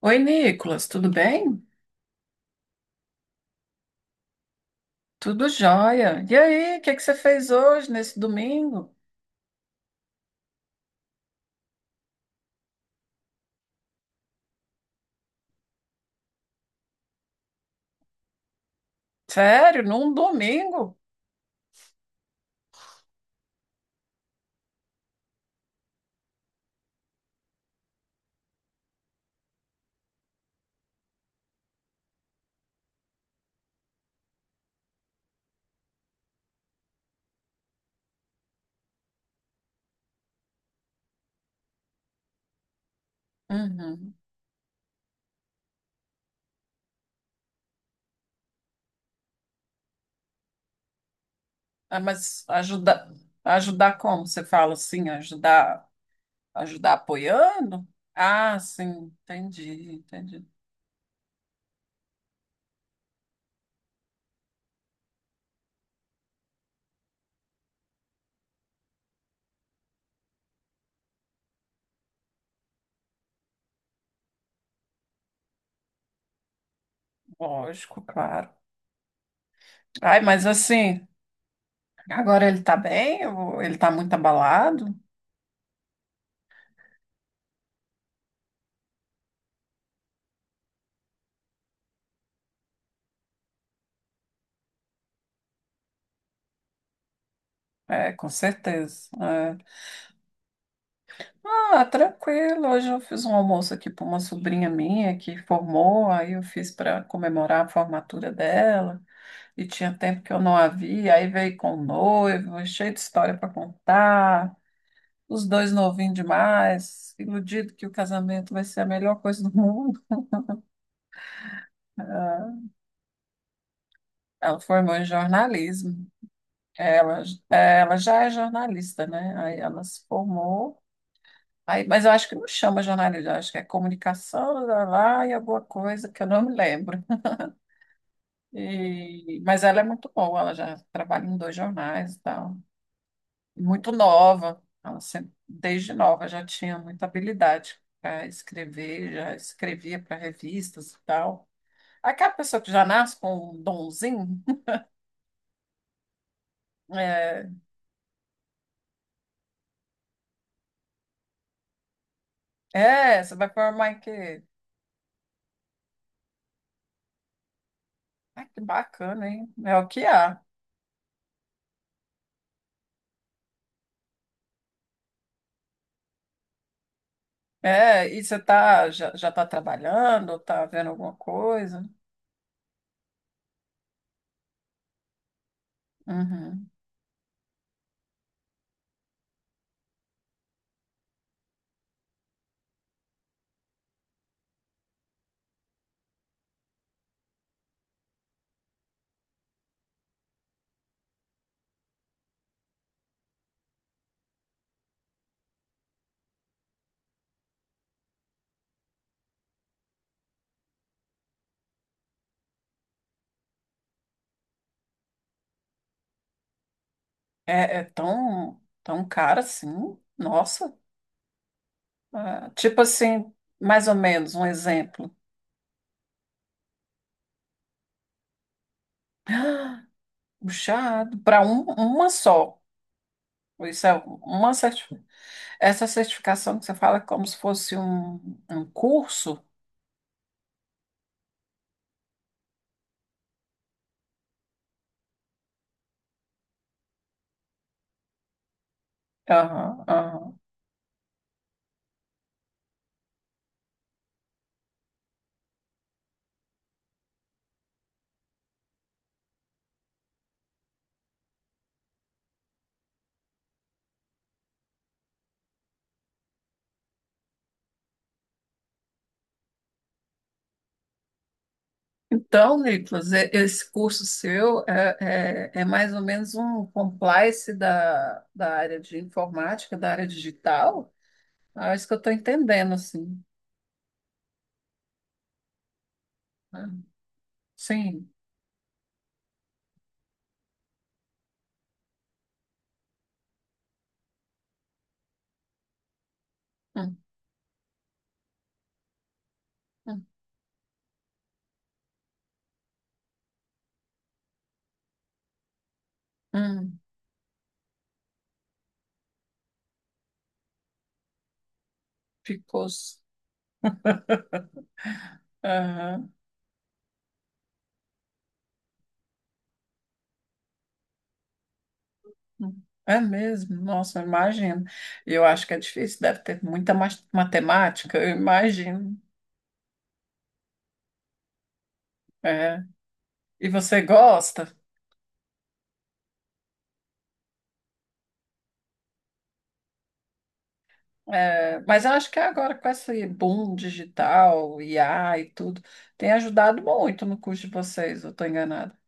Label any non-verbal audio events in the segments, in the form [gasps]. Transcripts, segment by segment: Oi, Nicolas, tudo bem? Tudo jóia. E aí, o que é que você fez hoje, nesse domingo? Sério, num domingo? Uhum. Ah, mas ajudar, ajudar como? Você fala assim, ajudar, ajudar apoiando? Ah, sim, entendi, entendi. Lógico, claro. Ai, mas assim, agora ele tá bem? Ou ele tá muito abalado? É, com certeza. É. Ah, tranquilo. Hoje eu fiz um almoço aqui para uma sobrinha minha que formou, aí eu fiz para comemorar a formatura dela, e tinha tempo que eu não a via, aí veio com o noivo, cheio de história para contar, os dois novinhos demais, iludido que o casamento vai ser a melhor coisa do mundo. [laughs] Ah, ela formou em jornalismo, ela, ela já é jornalista, né? Aí ela se formou. Aí, mas eu acho que não chama jornalismo, eu acho que é comunicação, lá, lá, e alguma coisa que eu não me lembro. Mas ela é muito boa, ela já trabalha em dois jornais e tal. Muito nova, ela sempre, desde nova já tinha muita habilidade para escrever, já escrevia para revistas e tal. Aquela pessoa que já nasce com um donzinho, é, é, você vai formar em quê? Ai, que bacana, hein? É o que há. É, e você tá, já, já tá trabalhando, tá vendo alguma coisa? Uhum. É, é tão, tão cara assim? Nossa. Ah, tipo assim, mais ou menos, um exemplo. [gasps] Ah, puxado, para uma só. Isso é uma certi- Essa certificação que você fala é como se fosse um, um curso. Aham, aham. Então, Nicolas, esse curso seu é, é, é mais ou menos um compliance da, da área de informática, da área digital? Ah, é isso que eu estou entendendo, assim. Ah, sim. Hum, hum, hum. Ficou. [laughs] Aham. É mesmo? Nossa, eu imagino. Eu acho que é difícil, deve ter matemática, eu imagino. É. E você gosta? É, mas eu acho que agora com esse boom digital, IA e tudo, tem ajudado muito no curso de vocês, eu estou enganada.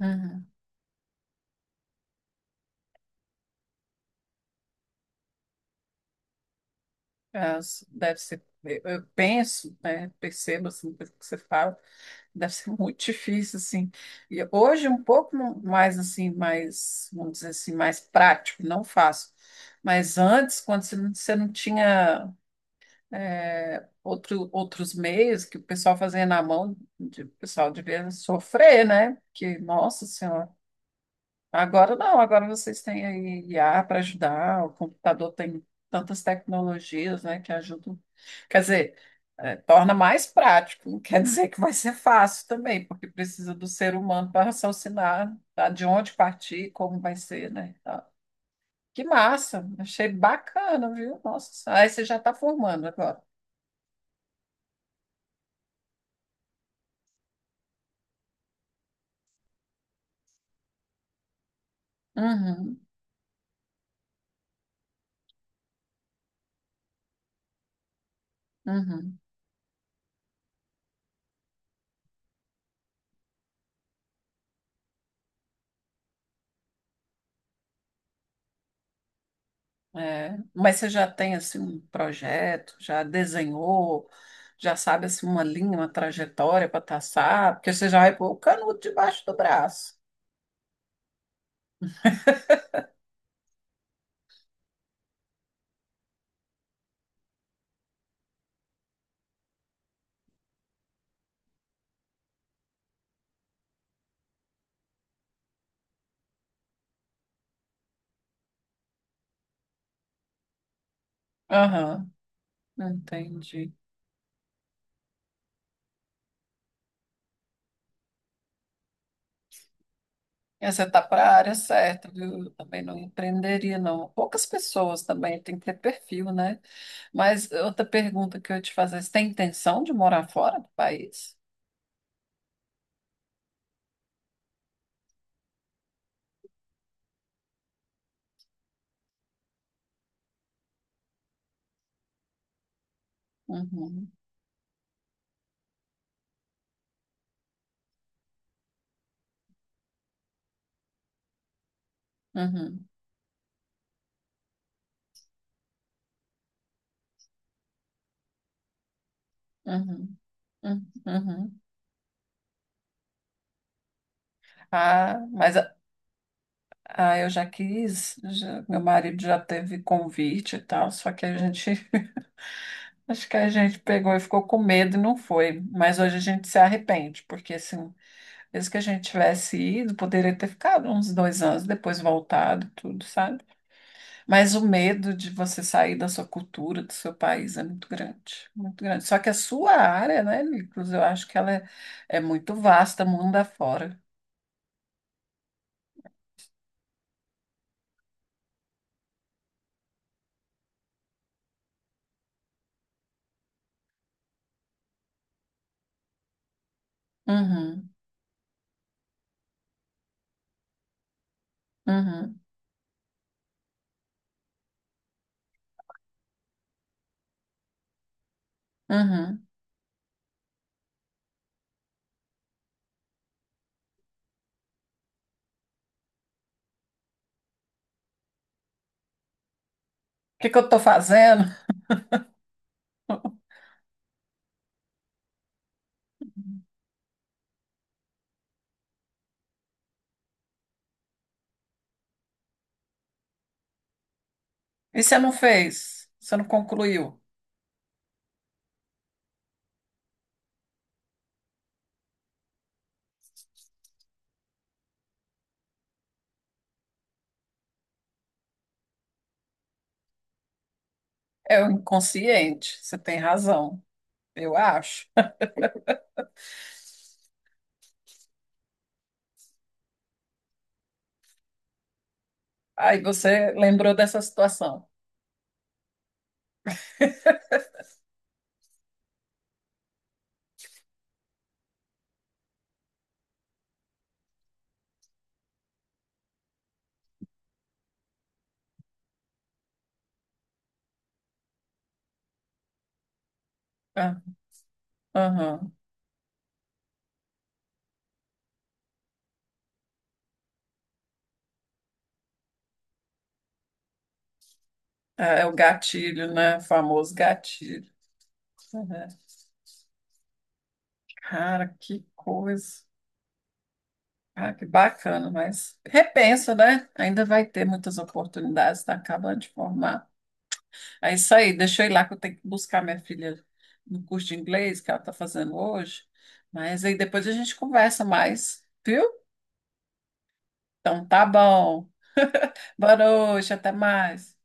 Uhum. Deve ser, eu penso, né, percebo assim, pelo que você fala, deve ser [laughs] muito difícil, assim. E hoje um pouco mais, assim, mais, vamos dizer assim, mais prático, não fácil. Mas antes, quando você não tinha outro, outros meios que o pessoal fazia na mão, o pessoal devia sofrer, né? Que, nossa senhora. Agora não, agora vocês têm aí IA para ajudar, o computador tem tantas tecnologias, né, que ajudam. Quer dizer, torna mais prático, não quer dizer que vai ser fácil também, porque precisa do ser humano para raciocinar, tá, de onde partir, como vai ser, né? Tá. Que massa, achei bacana, viu? Nossa, aí você já está formando agora. Uhum, uhum. É, mas você já tem assim um projeto, já desenhou, já sabe assim uma linha, uma trajetória para traçar, porque você já vai pôr o canudo debaixo do braço. Aham, entendi. E você está para a área certa, viu? Eu também não empreenderia, não. Poucas pessoas também tem que ter perfil, né? Mas outra pergunta que eu ia te fazer, você tem intenção de morar fora do país? Uhum, uhum, uhum, uhum, uhum. Ah, mas Ah, eu já quis, meu marido já teve convite e tal, só que a gente, [laughs] acho que a gente pegou e ficou com medo e não foi. Mas hoje a gente se arrepende, porque assim, mesmo que a gente tivesse ido, poderia ter ficado uns 2 anos, depois voltado, tudo, sabe? Mas o medo de você sair da sua cultura, do seu país é muito grande, muito grande. Só que a sua área, né, Nicolas, eu acho que ela é, é muito vasta, mundo afora. Uhum, uhum, uhum. O que que eu tô fazendo? E você não fez? Você não concluiu? É o inconsciente, você tem razão, eu acho. Aí você lembrou dessa situação. Ah, aham. É, é o gatilho, né? O famoso gatilho. Uhum. Cara, que coisa. Ah, que bacana, mas repensa, né? Ainda vai ter muitas oportunidades, tá acabando de formar. É isso aí, deixa eu ir lá que eu tenho que buscar minha filha no curso de inglês que ela está fazendo hoje. Mas aí depois a gente conversa mais, viu? Então tá bom. Boa noite, até mais.